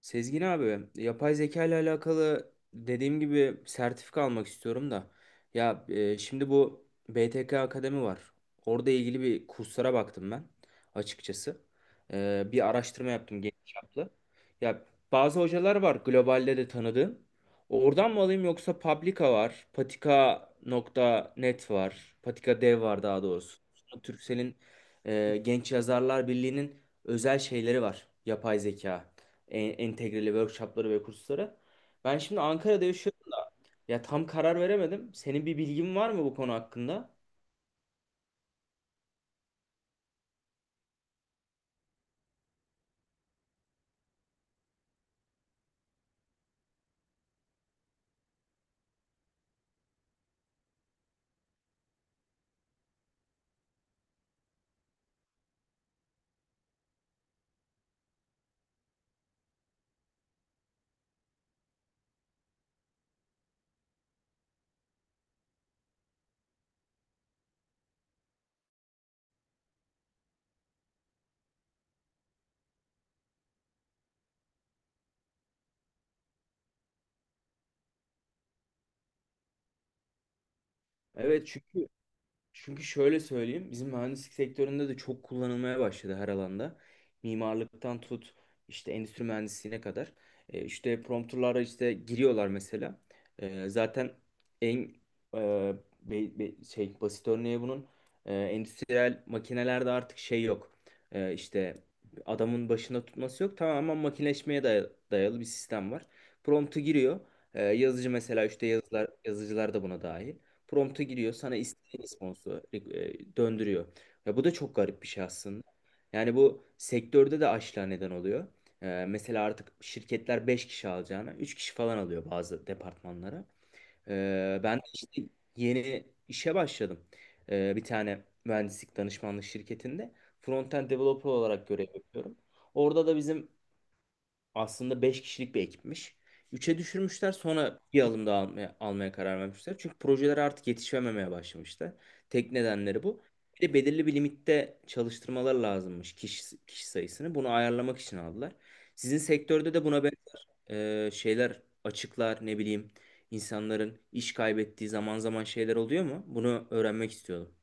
Sezgin abi, yapay zeka ile alakalı, dediğim gibi, sertifika almak istiyorum da. Ya, şimdi bu BTK Akademi var. Orada ilgili bir kurslara baktım ben açıkçası. Bir araştırma yaptım, geniş çaplı. Ya, bazı hocalar var globalde de tanıdığım. Oradan mı alayım, yoksa Publica var, Patika.net var, Patika Dev var daha doğrusu. Türksel'in, Genç Yazarlar Birliği'nin özel şeyleri var, yapay zeka entegreli workshopları ve kursları. Ben şimdi Ankara'da yaşıyorum. Ya, tam karar veremedim. Senin bir bilgin var mı bu konu hakkında? Evet. Çünkü şöyle söyleyeyim, bizim mühendislik sektöründe de çok kullanılmaya başladı her alanda. Mimarlıktan tut, işte endüstri mühendisliğine kadar. İşte prompterlara işte giriyorlar mesela. Zaten en e, be- be- şey, basit örneği bunun, endüstriyel makinelerde artık şey yok. İşte adamın başında tutması yok. Tamamen makineleşmeye dayalı bir sistem var. Promptu giriyor. Yazıcı mesela, işte yazılar, yazıcılar da buna dahil. Prompt'a giriyor, sana istediğin responsu döndürüyor. Ya, bu da çok garip bir şey aslında. Yani bu sektörde de açlığa neden oluyor. Mesela artık şirketler 5 kişi alacağına 3 kişi falan alıyor bazı departmanlara. Ben de işte yeni işe başladım. Bir tane mühendislik danışmanlık şirketinde frontend developer olarak görev yapıyorum. Orada da bizim aslında 5 kişilik bir ekipmiş. Üç'e düşürmüşler, sonra bir alım daha almaya karar vermişler. Çünkü projeler artık yetişememeye başlamıştı. Tek nedenleri bu. Bir de belirli bir limitte çalıştırmalar lazımmış kişi sayısını. Bunu ayarlamak için aldılar. Sizin sektörde de buna benzer şeyler açıklar, ne bileyim, insanların iş kaybettiği zaman zaman şeyler oluyor mu? Bunu öğrenmek istiyordum.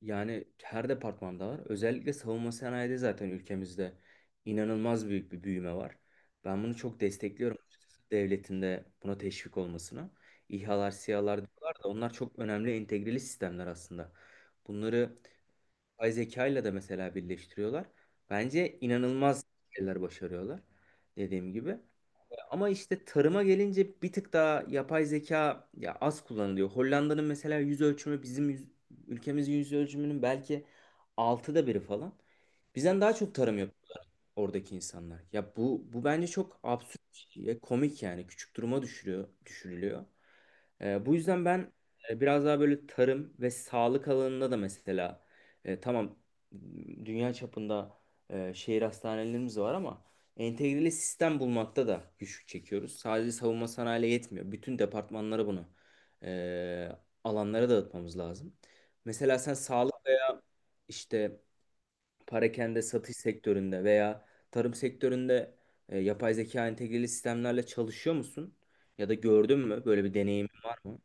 Yani her departmanda var. Özellikle savunma sanayide zaten ülkemizde inanılmaz büyük bir büyüme var. Ben bunu çok destekliyorum açıkçası. Devletin de buna teşvik olmasına. İHA'lar, SİHA'lar diyorlar da onlar çok önemli entegreli sistemler aslında. Bunları yapay zeka ile de mesela birleştiriyorlar. Bence inanılmaz şeyler başarıyorlar, dediğim gibi. Ama işte tarıma gelince bir tık daha yapay zeka ya az kullanılıyor. Hollanda'nın mesela yüz ölçümü bizim ülkemizin yüz ölçümünün belki altıda biri falan. Bizden daha çok tarım yapıyor oradaki insanlar. Ya, bu bence çok absürt ve komik, yani küçük duruma düşürüyor, düşürülüyor. Bu yüzden ben, biraz daha böyle tarım ve sağlık alanında da mesela, tamam, dünya çapında şehir hastanelerimiz var ama entegreli sistem bulmakta da güçlük çekiyoruz. Sadece savunma sanayiyle yetmiyor. Bütün departmanlara bunu, e, alanlara dağıtmamız lazım. Mesela sen sağlık, işte parakende satış sektöründe veya tarım sektöründe yapay zeka entegreli sistemlerle çalışıyor musun? Ya da gördün mü? Böyle bir deneyimin var mı?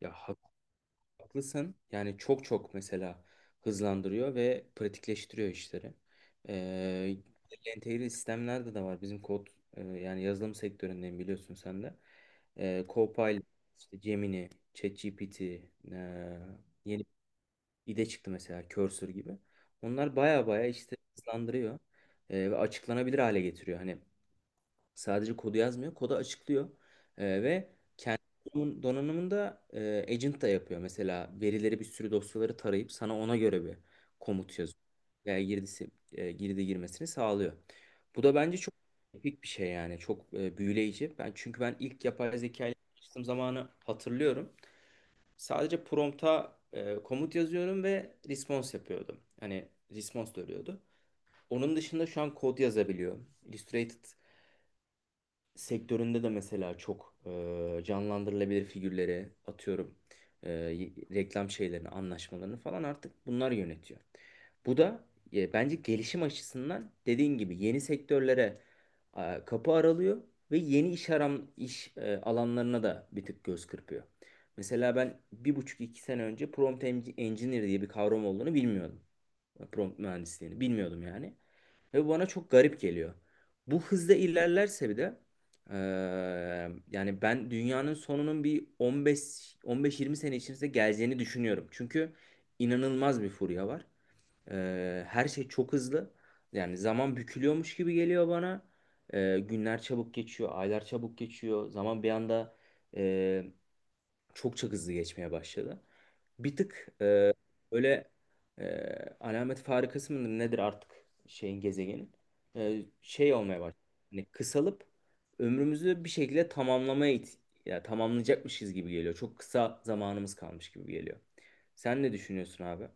Ya, haklısın. Yani çok çok mesela hızlandırıyor ve pratikleştiriyor işleri. Ee, Entegreli sistemlerde de var. Bizim kod, yani yazılım sektöründeyim, biliyorsun sen de. Copilot, işte Gemini, ChatGPT, yeni bir de çıktı mesela Cursor gibi. Onlar baya baya işte hızlandırıyor ve açıklanabilir hale getiriyor. Hani sadece kodu yazmıyor, kodu açıklıyor. Ve kendi donanımında agent da yapıyor. Mesela verileri, bir sürü dosyaları tarayıp sana ona göre bir komut yazıyor. Yani girdi girmesini sağlıyor. Bu da bence çok epik bir şey, yani çok büyüleyici. Çünkü ben ilk yapay zeka ile çalıştığım zamanı hatırlıyorum. Sadece prompta komut yazıyorum ve response yapıyordum. Hani response dönüyordu. Onun dışında şu an kod yazabiliyorum. Illustrated sektöründe de mesela çok canlandırılabilir figürleri atıyorum, reklam şeylerini, anlaşmalarını falan artık bunlar yönetiyor. Bu da, bence gelişim açısından, dediğin gibi, yeni sektörlere kapı aralıyor ve yeni iş alanlarına da bir tık göz kırpıyor. Mesela ben 1,5-2 sene önce prompt engineer diye bir kavram olduğunu bilmiyordum, prompt mühendisliğini bilmiyordum yani. Ve bu bana çok garip geliyor. Bu hızda ilerlerse bir de eee, yani, ben dünyanın sonunun bir 15 15-20 sene içerisinde geleceğini düşünüyorum. Çünkü inanılmaz bir furya var. Her şey çok hızlı. Yani zaman bükülüyormuş gibi geliyor bana. Günler çabuk geçiyor, aylar çabuk geçiyor. Zaman bir anda eee, çok çok hızlı geçmeye başladı. Bir tık böyle, e, alamet farikası mıdır nedir artık, şeyin, gezegenin şey olmaya başladı. Hani kısalıp ömrümüzü bir şekilde tamamlamaya ya, tamamlayacakmışız gibi geliyor. Çok kısa zamanımız kalmış gibi geliyor. Sen ne düşünüyorsun abi?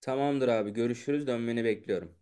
Tamamdır abi, görüşürüz, dönmeni bekliyorum.